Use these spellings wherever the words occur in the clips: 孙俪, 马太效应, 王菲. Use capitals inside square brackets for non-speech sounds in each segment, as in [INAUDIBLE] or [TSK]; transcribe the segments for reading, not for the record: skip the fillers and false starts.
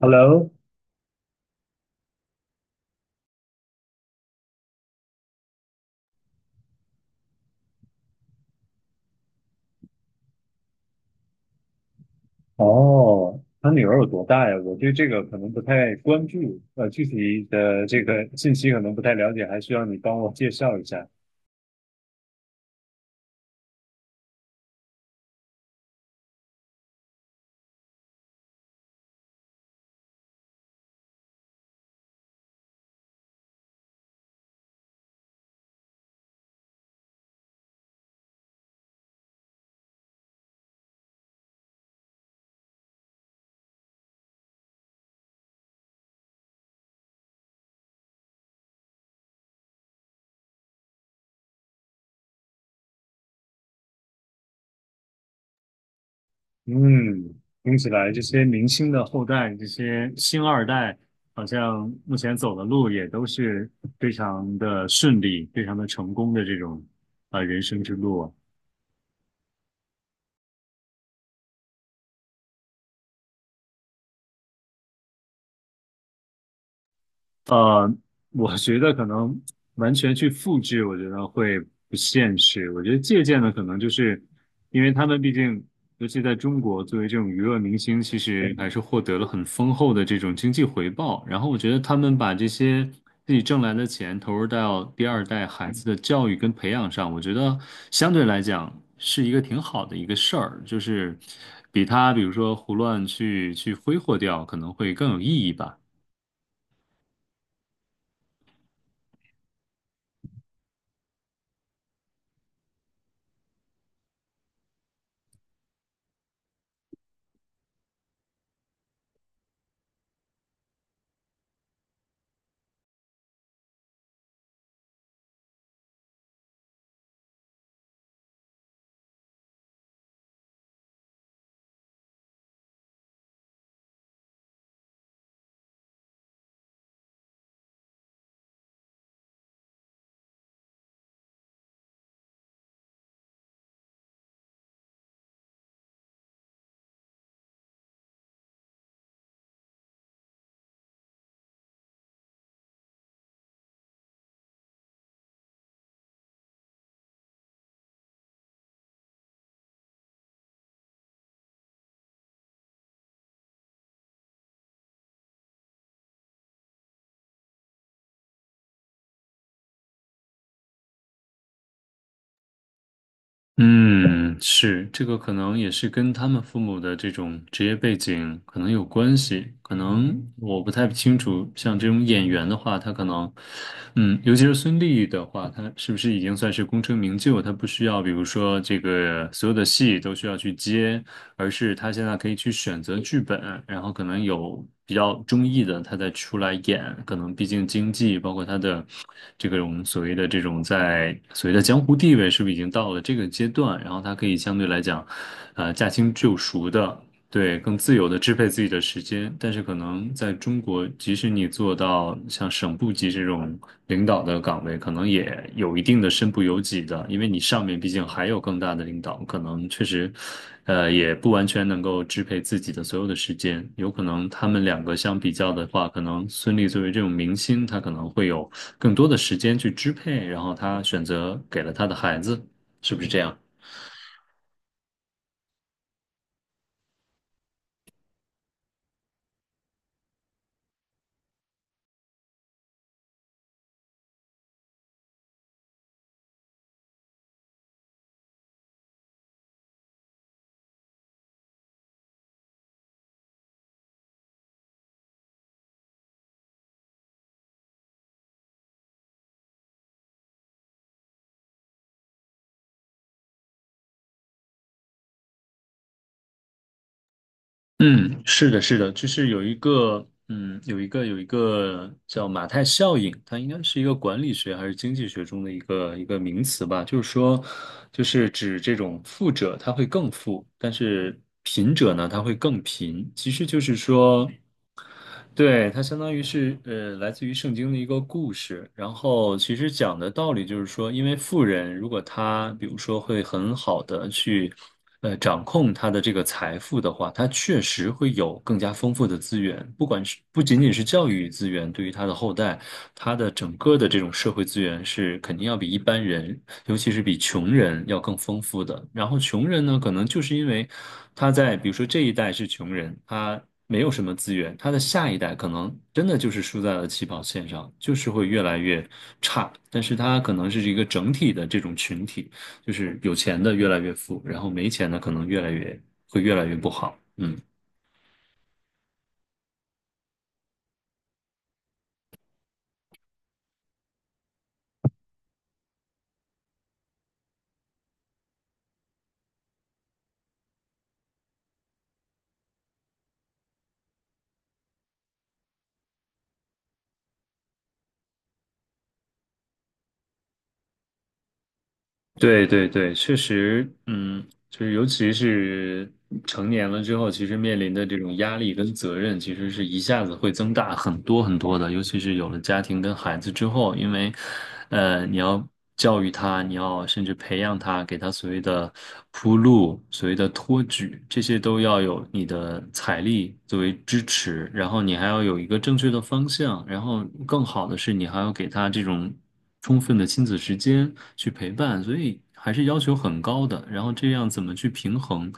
Hello，哦，他女儿有多大呀？我对这个可能不太关注，具体的这个信息可能不太了解，还需要你帮我介绍一下。嗯，听起来这些明星的后代，这些星二代，好像目前走的路也都是非常的顺利、非常的成功的这种人生之路啊。呃，我觉得可能完全去复制，我觉得会不现实。我觉得借鉴的可能就是，因为他们毕竟，尤其在中国，作为这种娱乐明星，其实还是获得了很丰厚的这种经济回报。然后我觉得他们把这些自己挣来的钱投入到第二代孩子的教育跟培养上，我觉得相对来讲是一个挺好的一个事儿，就是比他比如说胡乱去挥霍掉，可能会更有意义吧。嗯，是，这个可能也是跟他们父母的这种职业背景可能有关系，可能我不太清楚。像这种演员的话，他可能，嗯，尤其是孙俪的话，她是不是已经算是功成名就？她不需要，比如说这个所有的戏都需要去接，而是她现在可以去选择剧本，然后可能有。比较中意的，他再出来演，可能毕竟经济，包括他的这个我们所谓的这种在所谓的江湖地位，是不是已经到了这个阶段？然后他可以相对来讲，驾轻就熟的对，更自由的支配自己的时间，但是可能在中国，即使你做到像省部级这种领导的岗位，可能也有一定的身不由己的，因为你上面毕竟还有更大的领导，可能确实，也不完全能够支配自己的所有的时间。有可能他们两个相比较的话，可能孙俪作为这种明星，她可能会有更多的时间去支配，然后她选择给了她的孩子，是不是这样？嗯，是的，是的，就是有一个，嗯，有一个叫马太效应，它应该是一个管理学还是经济学中的一个名词吧。就是说，就是指这种富者他会更富，但是贫者呢他会更贫。其实就是说。对，它相当于是来自于圣经的一个故事。然后其实讲的道理就是说，因为富人如果他比如说会很好的去掌控他的这个财富的话，他确实会有更加丰富的资源，不管是不仅仅是教育资源，对于他的后代，他的整个的这种社会资源是肯定要比一般人，尤其是比穷人要更丰富的。然后穷人呢，可能就是因为他在比如说这一代是穷人，他。没有什么资源，他的下一代可能真的就是输在了起跑线上，就是会越来越差。但是他可能是一个整体的这种群体，就是有钱的越来越富，然后没钱的可能越来越会越来越不好。嗯。对对对，确实，嗯，就是尤其是成年了之后，其实面临的这种压力跟责任，其实是一下子会增大很多很多的。尤其是有了家庭跟孩子之后，因为，你要教育他，你要甚至培养他，给他所谓的铺路、所谓的托举，这些都要有你的财力作为支持，然后你还要有一个正确的方向，然后更好的是，你还要给他这种。充分的亲子时间去陪伴，所以还是要求很高的。然后这样怎么去平衡，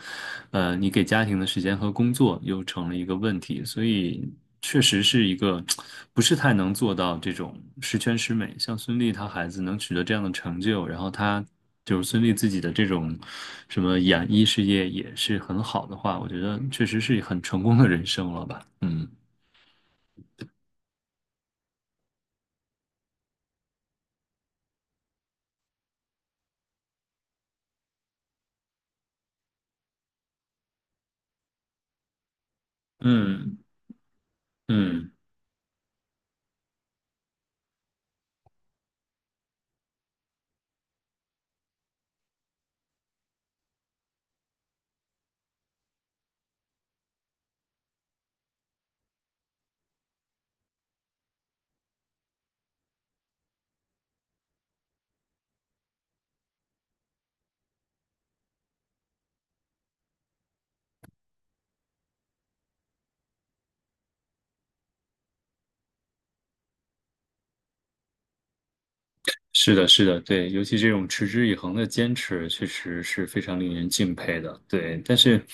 你给家庭的时间和工作又成了一个问题，所以确实是一个 [TSK] 不是太能做到这种十全十美。像孙俪她孩子能取得这样的成就，然后她。就是孙俪自己的这种什么演艺事业也是很好的话，我觉得确实是很成功的人生了吧？嗯嗯嗯。是的，是的，对，尤其这种持之以恒的坚持，确实是非常令人敬佩的。对，但是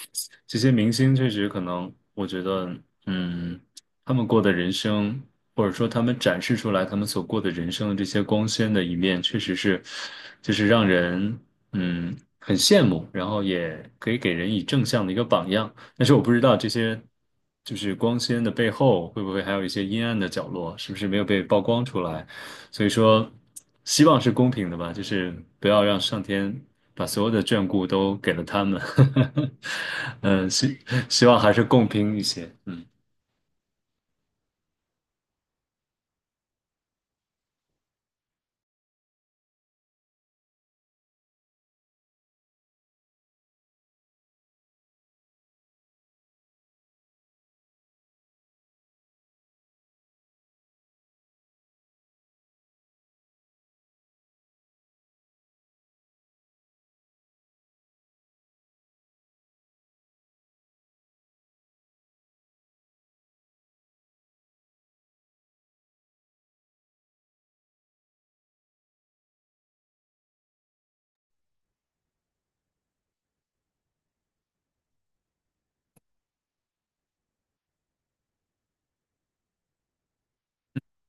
这些明星确实可能，我觉得，嗯，他们过的人生，或者说他们展示出来他们所过的人生的这些光鲜的一面，确实是，就是让人，嗯，很羡慕，然后也可以给人以正向的一个榜样。但是我不知道这些。就是光鲜的背后，会不会还有一些阴暗的角落？是不是没有被曝光出来？所以说，希望是公平的吧，就是不要让上天把所有的眷顾都给了他们。[LAUGHS] 嗯，希望还是共平一些。嗯，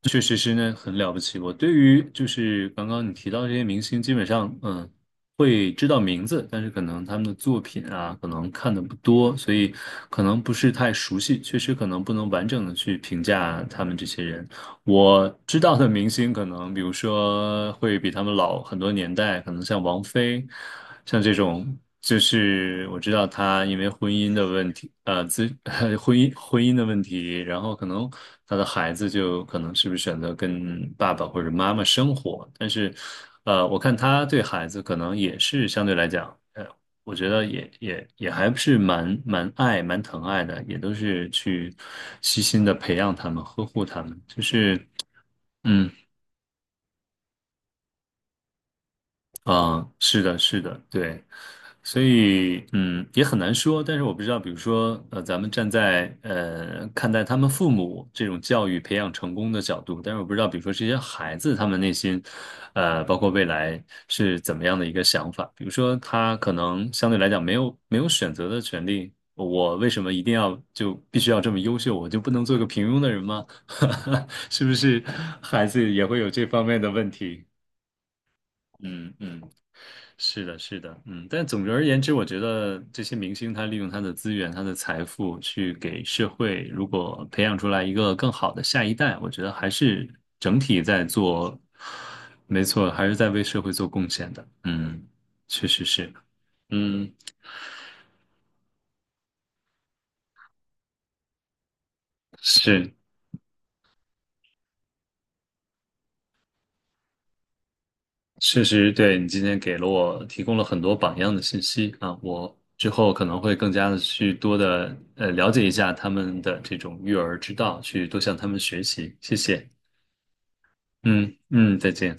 确实是呢，很了不起。我对于就是刚刚你提到这些明星，基本上嗯会知道名字，但是可能他们的作品啊，可能看的不多，所以可能不是太熟悉，确实可能不能完整的去评价他们这些人。我知道的明星可能，比如说会比他们老很多年代，可能像王菲，像这种，就是我知道她因为婚姻的问题，[LAUGHS] 婚姻的问题，然后可能她的孩子就可能是不是选择跟爸爸或者妈妈生活，但是，我看她对孩子可能也是相对来讲。我觉得也还是蛮蛮疼爱的，也都是去悉心的培养他们，呵护他们。就是，嗯。嗯，是的，是的，对，所以嗯，也很难说。但是我不知道，比如说，咱们站在看待他们父母这种教育培养成功的角度，但是我不知道，比如说这些孩子他们内心，包括未来是怎么样的一个想法。比如说，他可能相对来讲没有选择的权利，我为什么一定要就必须要这么优秀？我就不能做个平庸的人吗？[LAUGHS] 是不是孩子也会有这方面的问题？嗯嗯。是的，是的，嗯，但总而言之，我觉得这些明星他利用他的资源、他的财富去给社会，如果培养出来一个更好的下一代，我觉得还是整体在做，没错，还是在为社会做贡献的。嗯，确实是，嗯，是，确实对你今天给了我提供了很多榜样的信息啊，我之后可能会更加的去多的了解一下他们的这种育儿之道，去多向他们学习。谢谢。嗯嗯，再见。